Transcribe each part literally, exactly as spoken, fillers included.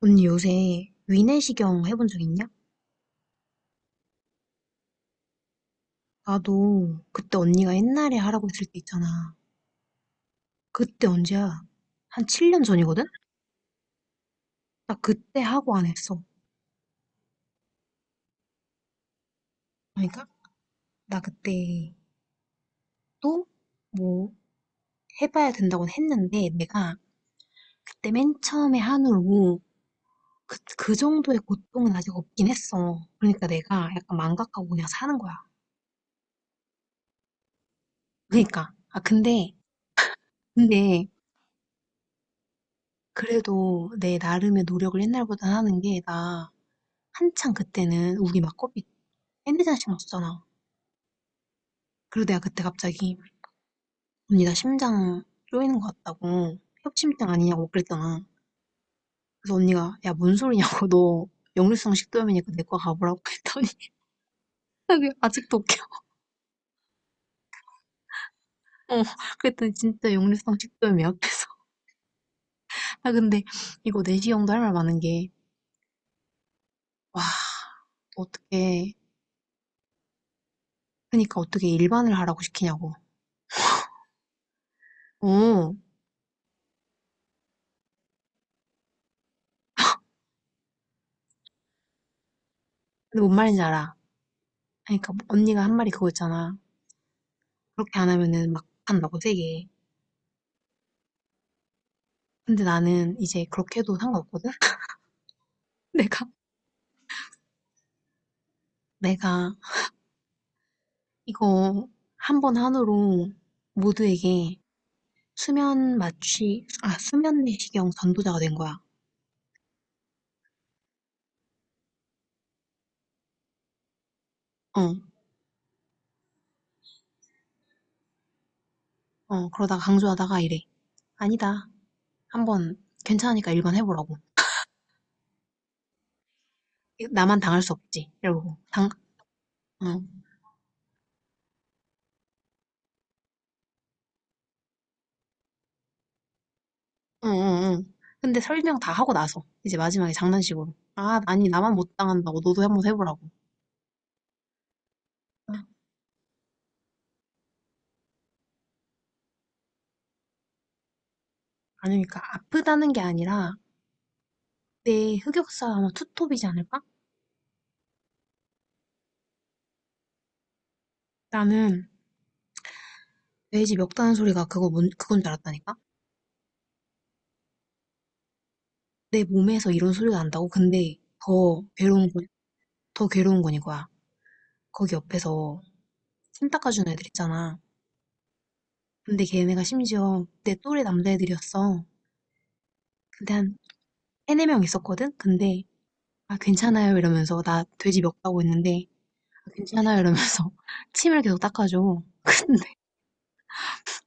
언니 요새 위내시경 해본 적 있냐? 나도 그때 언니가 옛날에 하라고 했을 때 있잖아. 그때 언제야? 한 칠 년 전이거든? 나 그때 하고 안 했어. 그러니까 나 그때 또 뭐 해봐야 된다고 했는데 내가 그때 맨 처음에 한후로 그, 그 정도의 고통은 아직 없긴 했어. 그러니까 내가 약간 망각하고 그냥 사는 거야. 그러니까 아 근데 근데 그래도 내 나름의 노력을 옛날보다 하는 게나 한창 그때는 우리 막 코피 밴드장 신경 었잖아. 그리고 내가 그때 갑자기 언니 나 심장 쪼이는 것 같다고 협심증 아니냐고 그랬잖아. 그래서 언니가 야 뭔 소리냐고 너 역류성 식도염이니까 내과 가보라고 했더니 그게 아직도 웃겨. 어, 그랬더니 진짜 역류성 식도염이야. 그래서 아 근데 이거 내시 형도 할 말 많은 게 와 어떻게. 그러니까 어떻게 일반을 하라고 시키냐고. 어, 근데 뭔 말인지 알아. 그러니까 언니가 한 말이 그거 있잖아. 그렇게 안 하면은 막 한다고 세게. 근데 나는 이제 그렇게 해도 상관없거든? 내가, 내가 이거 한 번 한으로 모두에게 수면 마취, 아, 수면 내시경 전도자가 된 거야. 어, 어, 그러다가 강조하다가 이래. 아니다. 한 번 괜찮으니까 일반 해보라고. 나만 당할 수 없지. 이러고. 당, 어, 응, 응, 응. 근데 설명 다 하고 나서 이제 마지막에 장난식으로. 아, 아니, 나만 못 당한다고. 너도 한번 해보라고. 아니, 니까 아프다는 게 아니라 내 흑역사 아마 투톱이지 않을까? 나는 돼지 멱다는 소리가 그거 뭔, 그건 줄 알았다니까? 내 몸에서 이런 소리가 난다고? 근데 더 괴로운 건, 더 괴로운 건 이거야. 거기 옆에서 침 닦아주는 애들 있잖아. 근데 걔네가 심지어 내 또래 남자애들이었어. 근데 한 세네 명 있었거든? 근데, 아, 괜찮아요. 이러면서 나 돼지 멱다고 했는데, 아, 괜찮아요. 이러면서 침을 계속 닦아줘. 근데,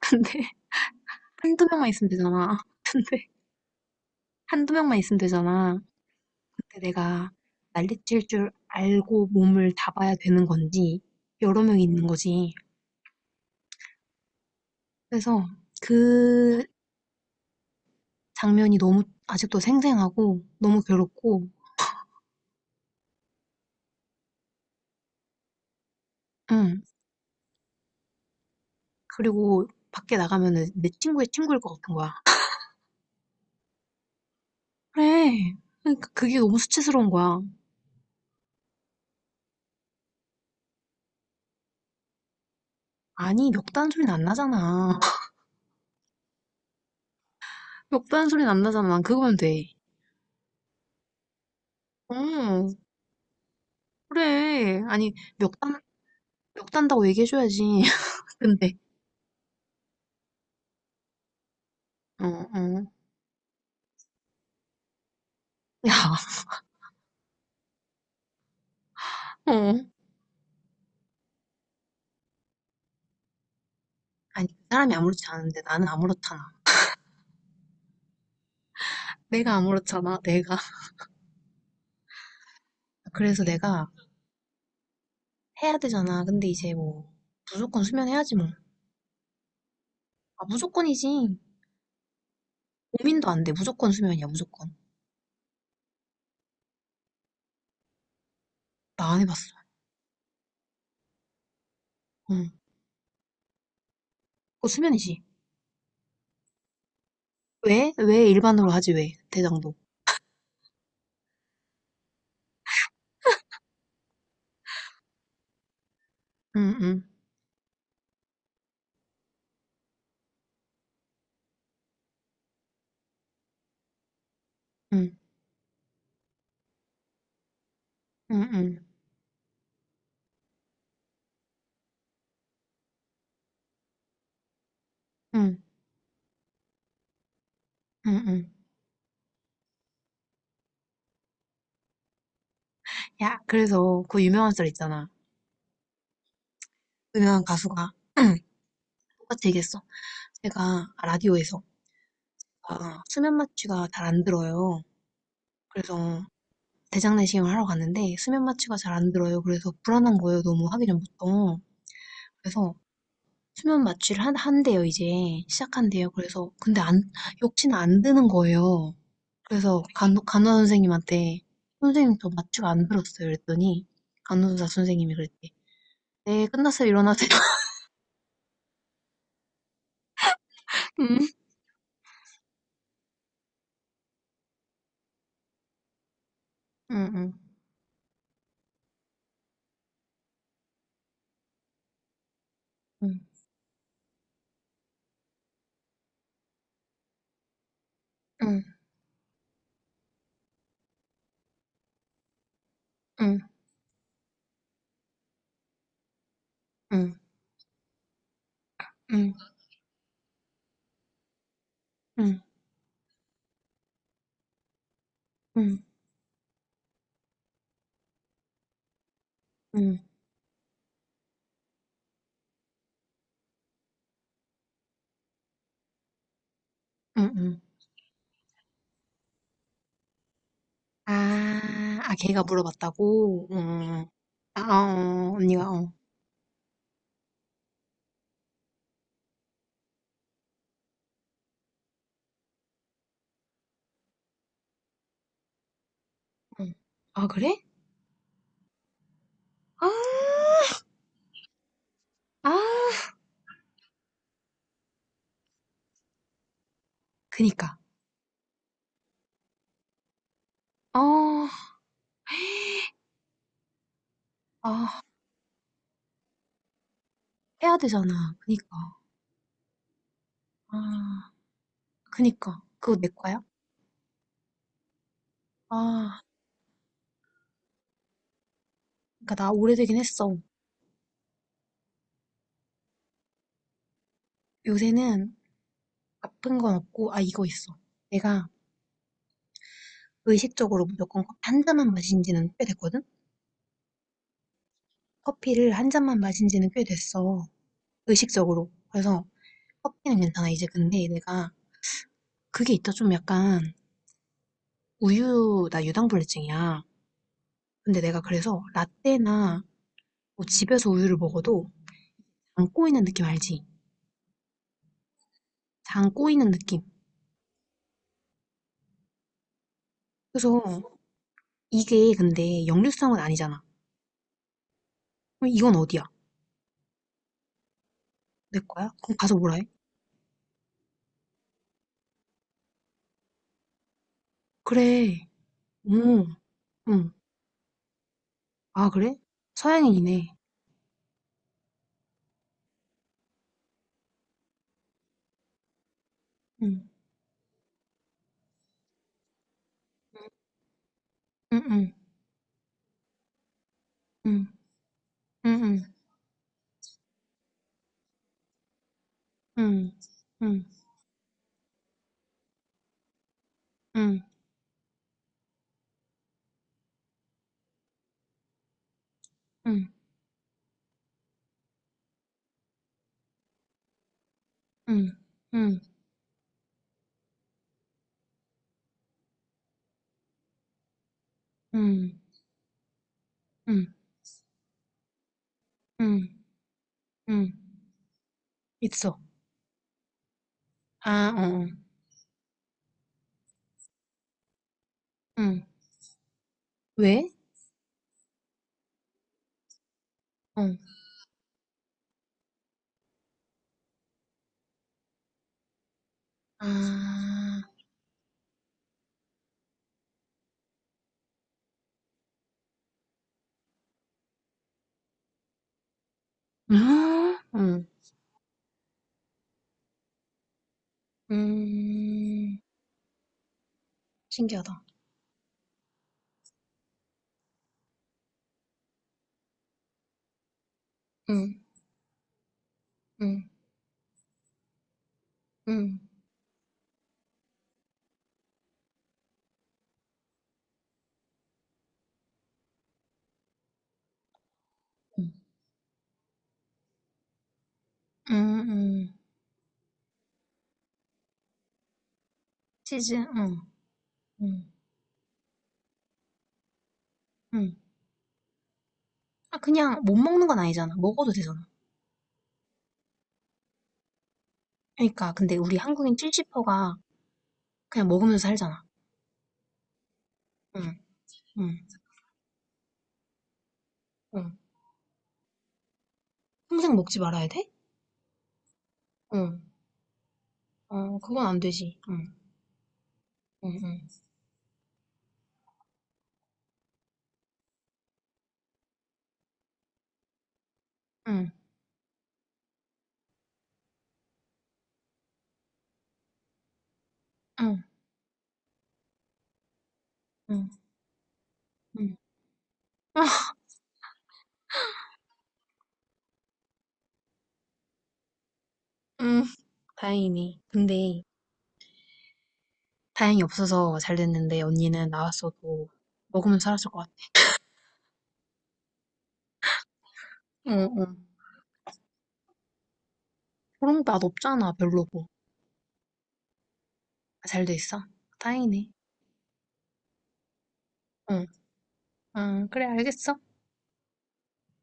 근데, 한두 명만 있으면 되잖아. 근데, 한두 명만 있으면 되잖아. 그때 내가 난리칠 줄 알고 몸을 잡아야 되는 건지 여러 명이 있는 거지. 그래서 그 장면이 너무 아직도 생생하고 너무 괴롭고, 응. 그리고 밖에 나가면 내 친구의 친구일 것 같은 거야. 그래. 그러니까 그게 너무 수치스러운 거야. 아니, 멱단 소리는 안 나잖아. 멱단 소리는 안 나잖아. 난 그거면 돼. 어, 그래. 아니, 멱단, 멱단다고 얘기해줘야지. 근데, 어, 어. 야, 어. 아니, 그 사람이 아무렇지 않은데 나는 아무렇잖아. 내가 아무렇잖아, 내가. 그래서 내가 해야 되잖아. 근데 이제 뭐, 무조건 수면해야지 뭐. 아, 무조건이지. 고민도 안 돼. 무조건 수면이야, 무조건. 나 안 해봤어. 응. 그거 수면이지. 왜? 왜 일반으로 하지, 왜? 대장도. 응, 응, 응, 응, 응, 응, 응, 응. 응. 야, 그래서 그 유명한 썰 있잖아. 유명한 가수가 똑같이 얘기했어. 제가 라디오에서 아, 수면 마취가 잘 안 들어요. 그래서 대장내시경을 하러 갔는데 수면 마취가 잘 안 들어요. 그래서 불안한 거예요. 너무 하기 전부터. 그래서 수면 마취를 한, 한대요, 이제. 시작한대요. 그래서 근데 안, 역시나 안 드는 거예요. 그래서 간, 간호 선생님한테 선생님 저 마취가 안 들었어요. 그랬더니 간호사 선생님이 그랬대. 네, 끝났어요. 일어나세요. 응, 응, 응, 응, 응, 응, 응, 응, 응, 응, 응, 응, 응, 응. 아, 아 걔가 물어봤다고? 응. 응. 아, 어, 어, 언니가, 어. 응. 아, 그래? 아, 아, 그니까. 어, 아, 해야 되잖아. 그니까. 아, 그니까. 그거 내 거야? 아, 그니까 나 오래되긴 했어. 요새는 아픈 건 없고, 아, 이거 있어. 내가 의식적으로 무조건 커피 한 잔만 마신 지는 꽤 됐거든? 커피를 한 잔만 마신 지는 꽤 됐어. 의식적으로. 그래서 커피는 괜찮아, 이제. 근데 내가 그게 있다 좀 약간 우유, 나 유당불내증이야. 근데 내가 그래서 라떼나 뭐 집에서 우유를 먹어도 장 꼬이는 느낌 알지? 장 꼬이는 느낌. 그래서 이게 근데 역류성은 아니잖아. 그럼 이건 어디야? 내 거야? 그럼 가서 뭐라 해? 그래. 응, 응. 아, 그래? 서양인이네. 응, 응, 응, 응, 응, 응, 응, 응, 응, 응, 응, 응, 응, 응, 응, 응. 응. 있어. 아, 응 어. 응. 왜? 어. 아. 아, 응. 음. 신기하다. 응. 응. 응. 응. 응. 응. 치즈. 응. 응. 응. 아 그냥 못 먹는 건 아니잖아. 먹어도 되잖아. 그러니까 근데 우리 한국인 찔찌퍼가 그냥 먹으면서 살잖아. 응. 응. 응. 평생 먹지 말아야 돼? 응. 어, 그건 안 되지. 응. 응. 응. 응. 응. 응. 응. 응. 다행이네. 근데 다행히 없어서 잘 됐는데 언니는 나왔어도 먹으면 살았을 것 같아. 어, 어. 그런 맛 없잖아, 별로고. 아, 잘 돼 있어? 다행이네. 응 아, 그래, 알겠어.